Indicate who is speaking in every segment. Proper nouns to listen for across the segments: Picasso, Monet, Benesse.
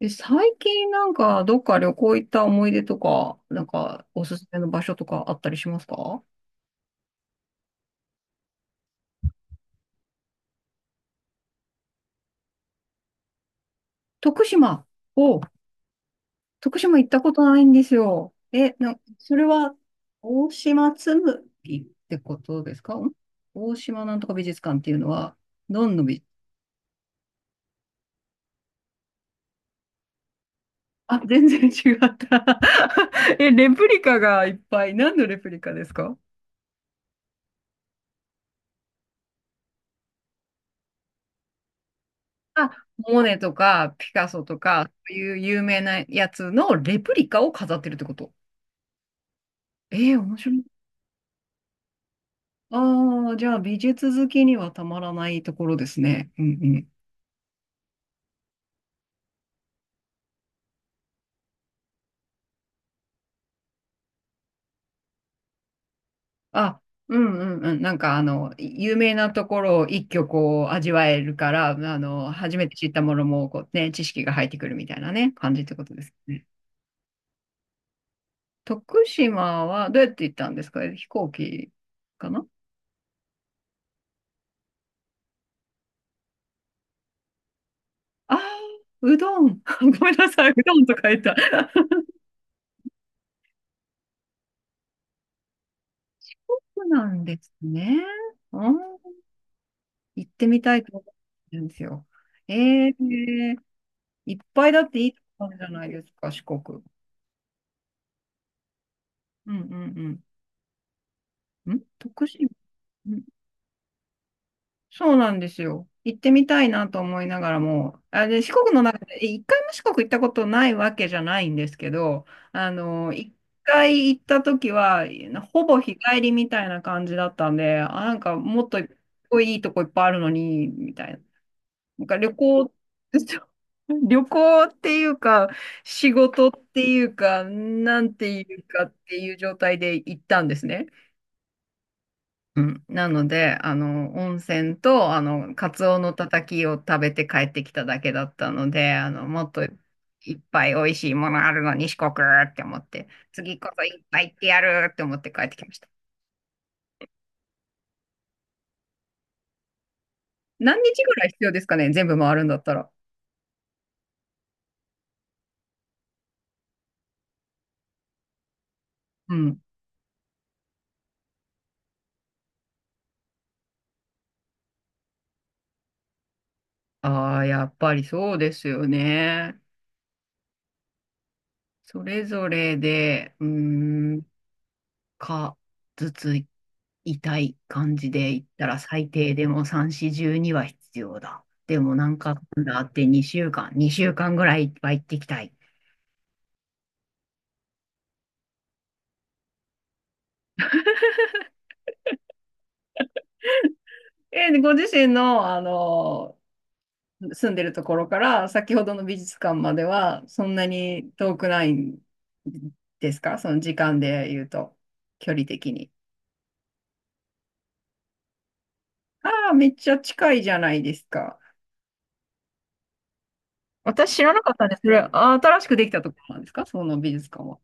Speaker 1: 最近なんかどっか旅行行った思い出とか、なんかおすすめの場所とかあったりしますか？徳島。お、徳島行ったことないんですよ。それは大島紬ってことですかん？大島なんとか美術館っていうのは、どんの美、あ、全然違った。 え、レプリカがいっぱい。何のレプリカですか？あ、モネとかピカソとか、そういう有名なやつのレプリカを飾ってるってこと？ええ、面白い。ああ、じゃあ美術好きにはたまらないところですね。うんうん。あ、うんうんうん。有名なところを一挙こう味わえるから、あの、初めて知ったものもこうね、知識が入ってくるみたいなね、感じってことですね。徳島はどうやって行ったんですか？飛行機かな？ああ、うどん。ごめんなさい、うどんと書いた。そうなんですね。うん、行ってみたいと思ってるんですよ。ええ、いっぱいだっていいとこあるじゃないですか、四国。うんうんうん。ん、徳島、うん、そうなんですよ。行ってみたいなと思いながらも、四国の中で、一回も四国行ったことないわけじゃないんですけど、あの、一回行った時は、ほぼ日帰りみたいな感じだったんで、あ、なんかもっといいとこいっぱいあるのに、みたいな。なんか旅行、旅行っていうか、仕事っていうか、なんていうかっていう状態で行ったんですね。うん。なので、あの、温泉と、あの、カツオのたたきを食べて帰ってきただけだったので、あの、もっといっぱい美味しいものあるのに四国って思って、次こそいっぱい行ってやるって思って帰ってきました。何日ぐらい必要ですかね、全部回るんだったら。うん。ああ、やっぱりそうですよね。それぞれで、か、ずつ痛い感じで言ったら最低でも3、4、12は必要だ。でもなんかなんだあって2週間ぐらいは行ってきたい。えー、ご自身の、あの、住んでるところから先ほどの美術館まではそんなに遠くないんですか、その時間で言うと、距離的に。ああ、めっちゃ近いじゃないですか。私知らなかったんです。それ、あ、新しくできたところなんですか、その美術館は。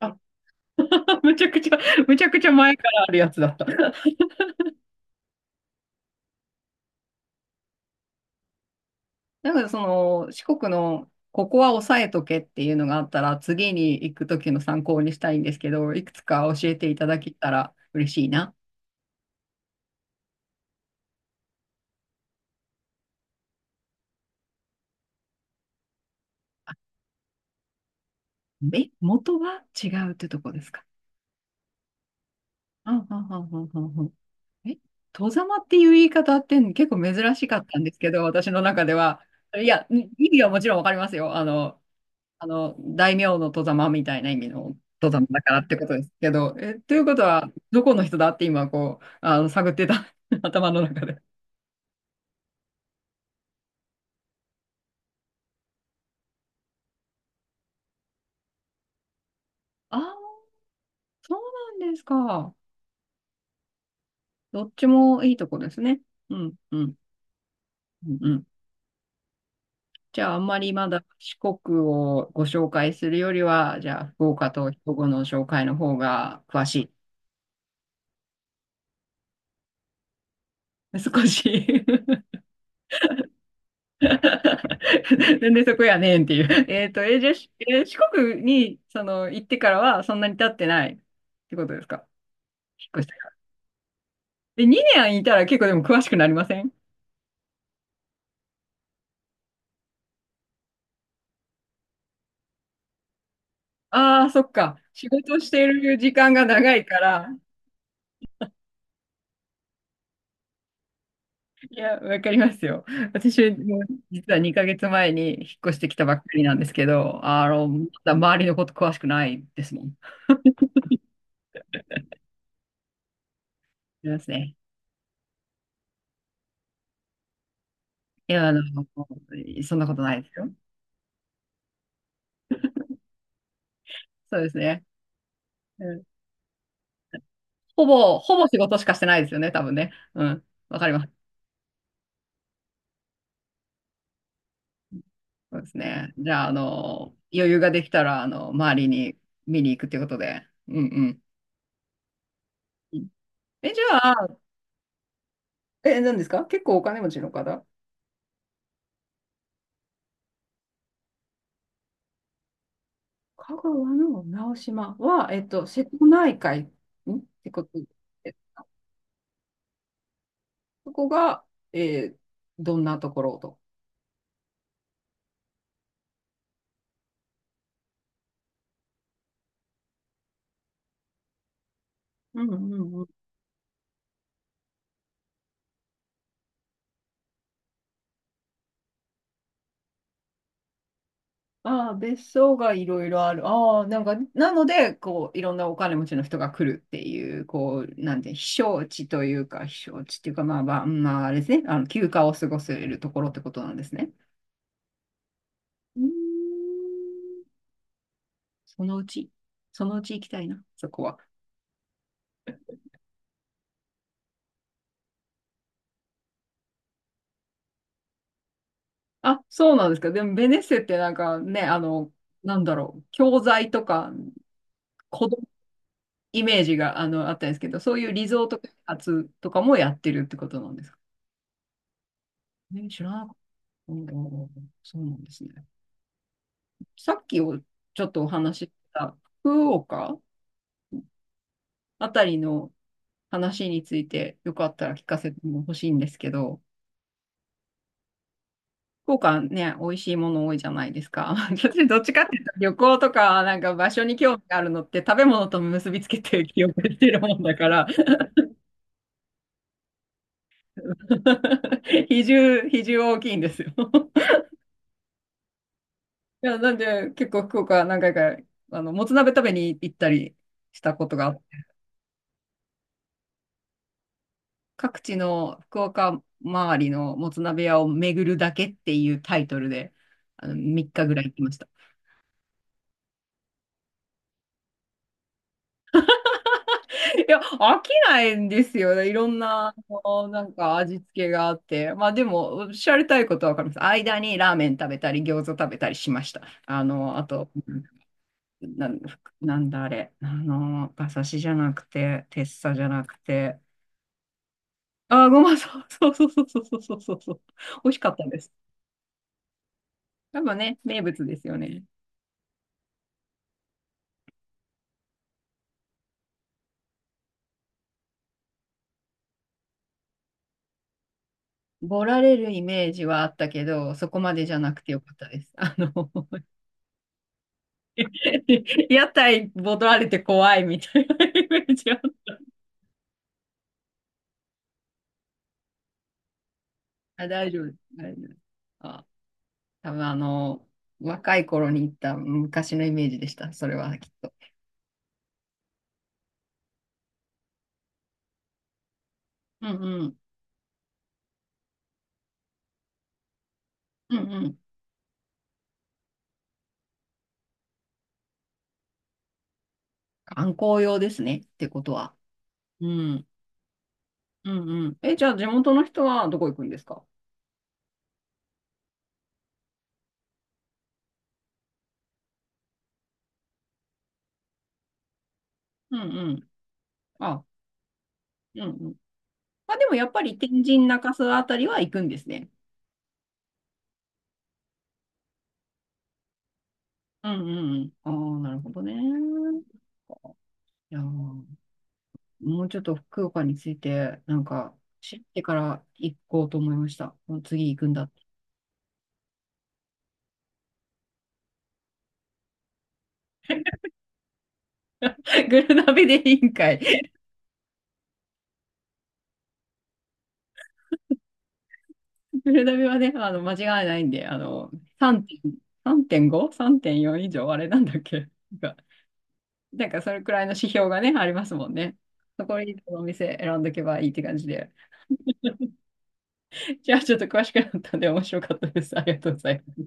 Speaker 1: あ、むちゃくちゃ、むちゃくちゃ前からあるやつだった。なんかその、四国の、ここは押さえとけっていうのがあったら、次に行くときの参考にしたいんですけど、いくつか教えていただけたら嬉しいな。え、元は違うってとこですか？あははははは。え、外様っていう言い方って結構珍しかったんですけど、私の中では。いや、意味はもちろんわかりますよ。あの、大名の外様みたいな意味の外様だからってことですけど、え、ということは、どこの人だって今、こう、あの、探ってた、頭の中で。ああ、そうなんですか。どっちもいいとこですね。うん、うん、うん、うん。じゃあ、あんまりまだ四国をご紹介するよりは、じゃあ、福岡と兵庫の紹介の方が詳しい。少し なんでそこやねんっていう。じゃあ、しえー四国に、その、行ってからはそんなに経ってないってことですか？引っ越してから。で、2年いたら結構でも詳しくなりません？ああー、そっか。仕事してる時間が長いから。いや、わかりますよ。私も実は2ヶ月前に引っ越してきたばっかりなんですけど、あの、まだ周りのこと詳しくないですもん。ありますね。いや、あの、そんなことないですよ。そうですね。ほぼ仕事しかしてないですよね、多分ね。うん。わかります。そうですね。じゃあ、あの、余裕ができたら、あの、周りに見に行くっていうことで。うんうん。え、じゃあ、え、何ですか結構お金持ちの方？香川の直島は、えっと、瀬戸内海んってことで、そこが、えーどんなところと。うんうん、ああ、別荘がいろいろある。ああ、なんか、なので、こう、いろんなお金持ちの人が来るっていう、こう、なんて、避暑地というか、避暑地っていうか、まあまあ、まあ、あれですね、あの、休暇を過ごせるところってことなんですね。うーん、そのうち、そのうち行きたいな、そこは。あ、そうなんですか。でも、ベネッセってなんかね、あの、なんだろう、教材とか、子供イメージが、あの、あったんですけど、そういうリゾート開発とかもやってるってことなんですか？ね、知らなかった。うんうんうん、そうなんですね。さっきをちょっとお話しした福岡あたりの話についてよかったら聞かせても欲しいんですけど、福岡ね、美味しいもの多いじゃないですか。私どっちかっていうと旅行とかなんか場所に興味があるのって食べ物と結びつけて記憶してるもんだから、比重大きいんですよ。いや、なんで結構福岡何回かあの、もつ鍋食べに行ったりしたことがあ各地の福岡周りのもつ鍋屋を巡るだけっていうタイトルで、あの、3日ぐらい行きました。いや、飽きないんですよね。いろんな、あのなんか味付けがあって。まあでも、おっしゃりたいことはわかります。間にラーメン食べたり、餃子食べたりしました。あの、あと、な、なんだあれ。あの、馬刺しじゃなくて、てっさじゃなくて、あー、ごま、そうそうそうそうそうそうそうそう。美味しかったです。多分ね、名物ですよね。ボラれるイメージはあったけど、そこまでじゃなくてよかったです。あの、屋台ボラれて怖いみたいなイメージは。あ、大丈夫です。大丈夫です。あ、多分あの、若い頃に行った昔のイメージでした。それはきっと。うんうん。うんうん。観光用ですね。ってことは。うん。うんうん。え、じゃあ地元の人はどこ行くんですか？うんうん。あ、うんうん。まあでもやっぱり天神中洲あたりは行くんですね。うんうんうん。ああ、なるほどね。いやー、もうちょっと福岡について、なんか、知ってから行こうと思いました。もう次行くんだ。グルナビでいいんかい。グルナビはね、あの、間違いないんで、あの、3点、3.5? 3.4以上あれなんだっけなんか、なんかそれくらいの指標がね、ありますもんね。そこにこのお店選んどけばいいって感じで。じゃあちょっと詳しくなったんで面白かったです。ありがとうございます。